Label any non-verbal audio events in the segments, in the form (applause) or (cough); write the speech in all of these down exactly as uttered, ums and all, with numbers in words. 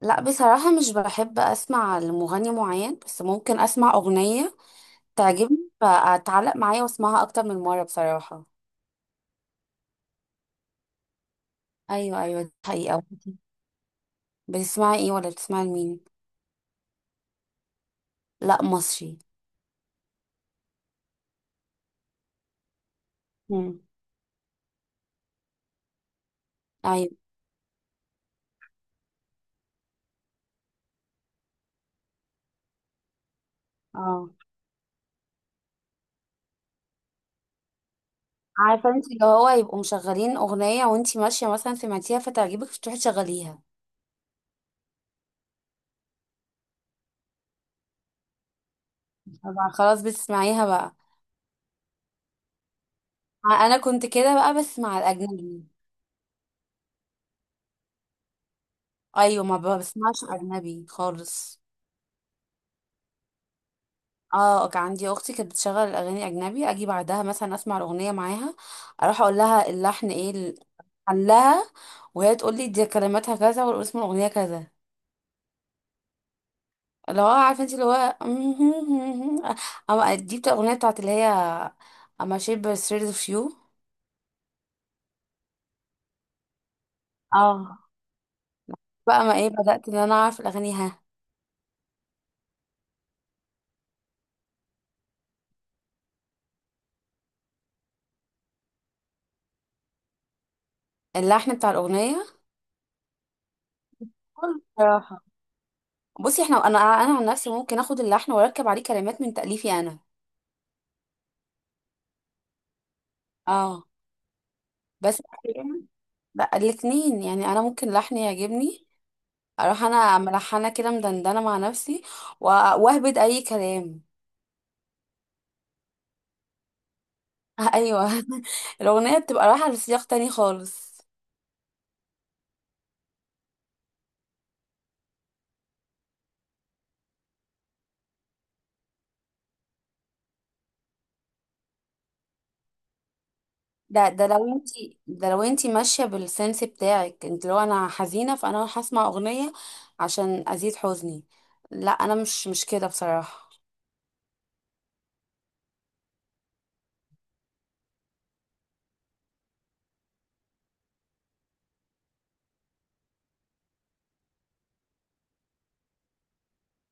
لا، بصراحة مش بحب أسمع لمغني معين، بس ممكن أسمع أغنية تعجبني فأتعلق معايا وأسمعها أكتر من مرة بصراحة. أيوة، أيوة، دي حقيقة. بتسمعي إيه ولا بتسمعي لمين؟ لا، مصري. مم. أيوة. اه. عارفة انت، اللي هو يبقوا مشغلين أغنية وانت ماشية مثلا سمعتيها فتعجبك فتروحي تشغليها. طبعا، خلاص بتسمعيها بقى. أنا كنت كده بقى بس مع الأجنبي. أيوة، ما بسمعش أجنبي خالص. اه، كان عندي اختي كانت بتشغل الاغاني اجنبي، اجي بعدها مثلا اسمع الاغنيه معاها. اروح اقول لها اللحن ايه، ال- حلها. وهي تقول لي دي كلماتها كذا والاسم الاغنيه كذا. اللي هو عارفه انت، اللي هو (laughs) اما دي بتاع الاغنيه بتاعت اللي هي، اما شيب ستريت اوف يو. اه، بقى ما ايه بدات ان انا اعرف الاغاني، ها. اللحن بتاع الاغنيه. كل بصراحة. بصي احنا، انا انا عن نفسي ممكن اخد اللحن واركب عليه كلمات من تاليفي انا. اه، بس. لا، الاثنين يعني انا ممكن لحن يعجبني. اروح انا ملحنه كده مدندنه مع نفسي. و- واهبد اي كلام. (laughs) ايوه. الاغنيه بتبقى رايحه لسياق تاني خالص. ده ده لو انتي ده لو انتي ماشيه بالسنس بتاعك انت، لو انا حزينه فانا هروح اسمع اغنيه عشان ازيد حزني. لا، انا مش مش كده بصراحه.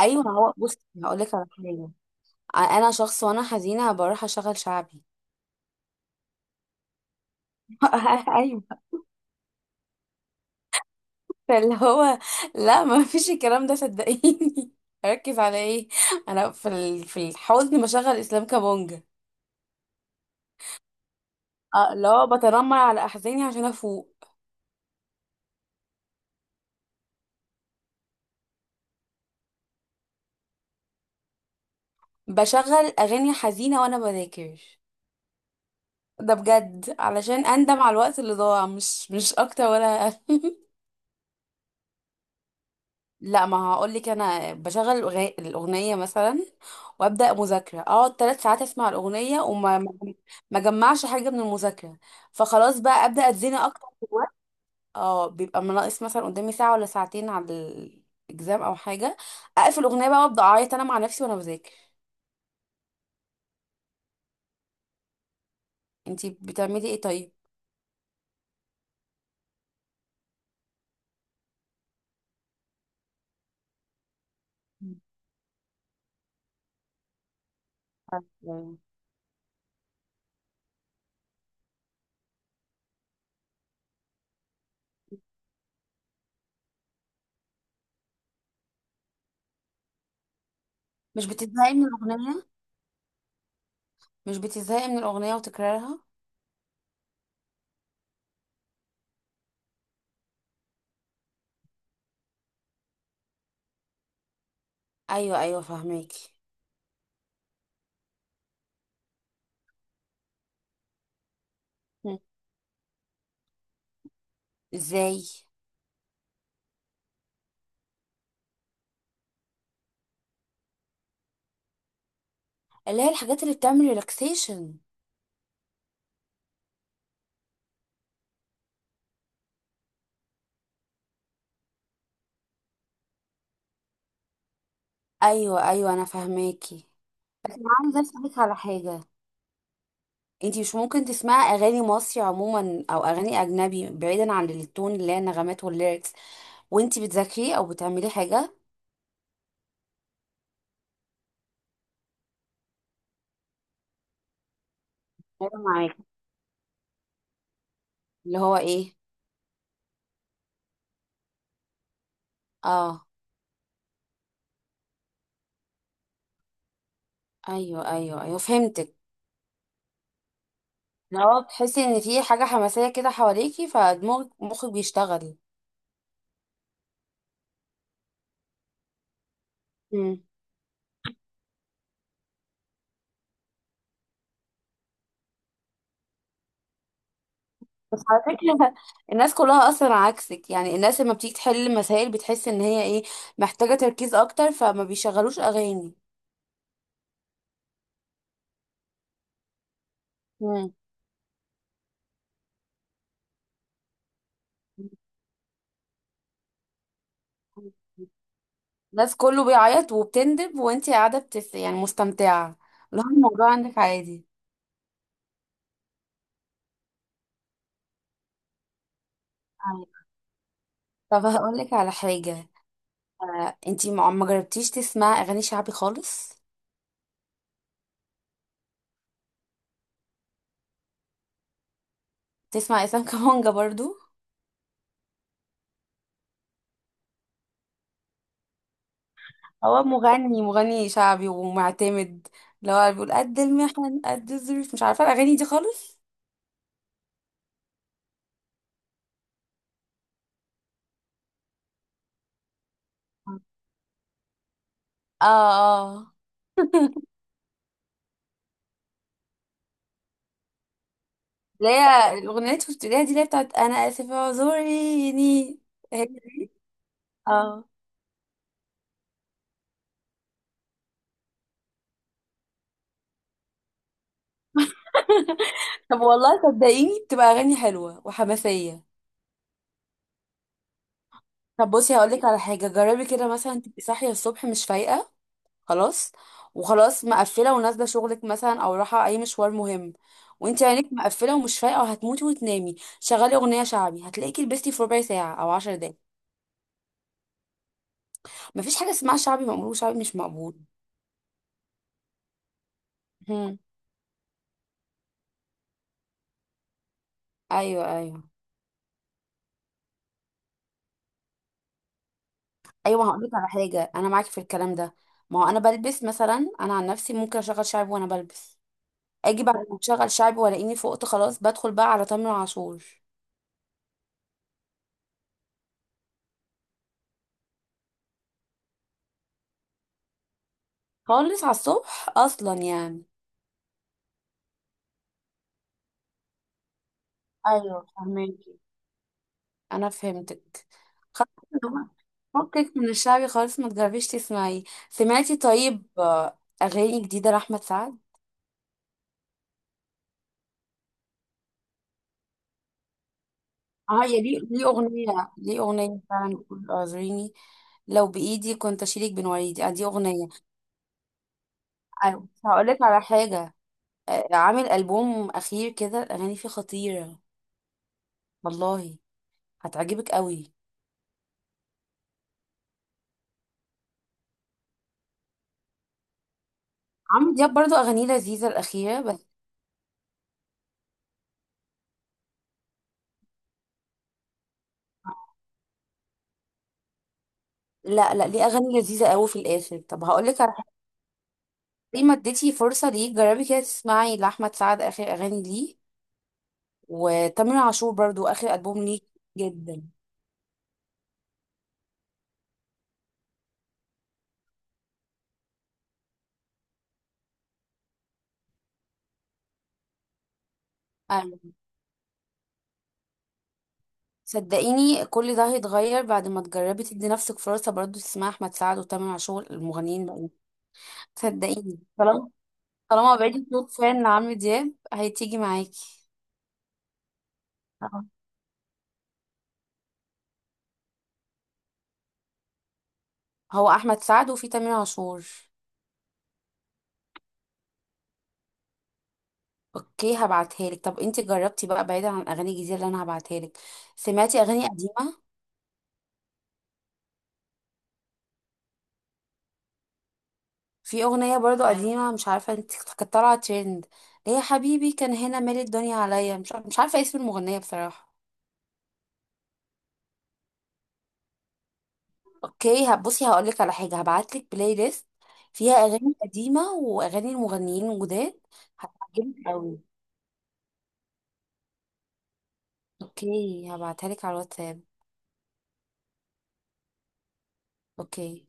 ايوه، ما هو بصي، هقول لك على حاجه. انا شخص، وانا حزينه بروح اشغل شعبي. (laughs) ايوه. فاللي هو، لا، ما فيش الكلام ده صدقيني. (laughs) اركز على ايه؟ انا في ال- في الحزن بشغل اسلام كابونجا. اه لا، بتنمر على احزاني عشان افوق. بشغل اغاني حزينه وانا بذاكر. ده بجد علشان اندم على الوقت اللي ضاع، مش مش اكتر ولا أقل. (laughs) لا، ما هقول لك، انا بشغل الأغ- الاغنيه مثلا وابدا مذاكره، اقعد ثلاث ساعات اسمع الاغنيه وما ما ما اجمعش حاجه من المذاكره. فخلاص بقى ابدا اتزنق اكتر. اه، بيبقى ناقص مثلا قدامي ساعة ولا ساعتين على الاكزام او حاجة. اقفل اغنية بقى، وابدا اعيط انا مع نفسي وانا بذاكر. انتي بتعملي ايه طيب؟ يعني مش بتزهقي من الاغنية مش بتزهقي من الاغنية وتكرارها؟ ايوه، ايوه، فاهماكي. مم. ازاي؟ اللي هي الحاجات اللي بتعمل ريلاكسيشن. ايوه، ايوه، انا فاهماكي. أنا عايزه اسالك على حاجه. انتي مش ممكن تسمعي اغاني مصري عموما او اغاني اجنبي بعيدا عن التون، اللي هي النغمات والليركس، وانتي بتذاكري او بتعملي حاجه؟ أيوة، معاكي. اللي هو ايه؟ اه، ايوه، ايوه، ايوه، فهمتك. اللي هو تحسي ان في حاجه حماسيه كده حواليكي فدماغك، مخك بيشتغل. مم. بس على فكره (laughs) الناس كلها اصلا عكسك، يعني الناس لما بتيجي تحل مسائل بتحس ان هي، ايه، محتاجه تركيز اكتر فما بيشغلوش اغاني. مم. الناس كله بيعيط وبتندب وانتي قاعده بتس، يعني مستمتعه. اللي هو الموضوع عندك عادي. أيوة. طب هقول لك على حاجه. آه، انتي ما ما جربتيش تسمعي اغاني شعبي خالص؟ تسمع اسلام كمانجا برضو؟ هو مغني، مغني شعبي ومعتمد. اللي هو بيقول قد المحن، قد الظروف، مش عارفه الاغاني دي خالص. اه، اه، اللي هي الاغنيه اللي شفت ليها دي اللي هي بتاعت انا اسف اعذريني. هي، اه. طب والله صدقيني، بتبقى اغاني حلوه وحماسيه. طب بصي، هقول لك على حاجه، جربي كده مثلا تبقي صاحيه الصبح مش فايقه. خلاص. وخلاص مقفله ونازله شغلك مثلا او رايحه اي مشوار مهم، وانت عينك مقفله ومش فايقه وهتموتي وتنامي، شغلي اغنيه شعبي هتلاقيكي لبستي في ربع ساعه او عشر دقايق. مفيش حاجه اسمها شعبي مقبول وشعبي مش مقبول. هم. ايوه، ايوه، ايوه، هقول لك على حاجه، انا معاكي في الكلام ده. ما هو انا بلبس مثلا، انا عن نفسي ممكن اشغل شعبي وانا بلبس. اجي بعد ما اشغل شعبي والاقيني فقت، خلاص بدخل بقى على تامر عاشور. خالص على الصبح اصلا يعني. ايوه، فهماكي. انا فهمتك. هو- فكك من الشعبي خالص، ما تجربيش تسمعيه. سمعتي طيب آه، اغاني جديده لاحمد سعد؟ اه، يا، ليه ليه اغنيه، ليه اغنيه فعلا بتقول اعذريني. لو بايدي كنت اشيلك بين وريدي، آه، دي اغنيه. آه، هقول لك على حاجه. آه، عامل البوم اخير كده الاغاني فيه خطيره. والله هتعجبك قوي. عمرو دياب برضو اغانيه لذيذه الاخيره بس. لا، لا، ليه اغاني لذيذه قوي في الاخر. طب هقول لك على حاجه. ليه ما اديتي فرصه؟ ليه جربي كده تسمعي لاحمد سعد اخر اغاني ليه؟ وتامر عاشور برضو اخر البوم ليه. جدا. ايوه، صدقيني كل ده هيتغير بعد ما تجربي تدي نفسك فرصه، برضو تسمعي احمد سعد وتامر عاشور المغنيين بقى. صدقيني، طالما طالما بقيتي صوت فان لعمرو دياب هتيجي معاكي. آه. هو احمد سعد وفي تامر عاشور. اوكي، هبعتها لك. طب انت جربتي بقى، بعيدا عن الاغاني الجديده اللي انا هبعتها لك، سمعتي اغاني قديمه؟ في اغنيه برضو قديمه، مش عارفه انت كانت طالعه ترند، ليه يا حبيبي كان هنا مال الدنيا عليا، مش عارفه مش عارفه اسم المغنيه بصراحه. اوكي، هبصي، هقولك على حاجه، هبعتلك بلاي ليست فيها اغاني قديمه واغاني المغنيين الجداد. هتعجبك قوي. اوكي، هبعتها لك على الواتساب. اوكي.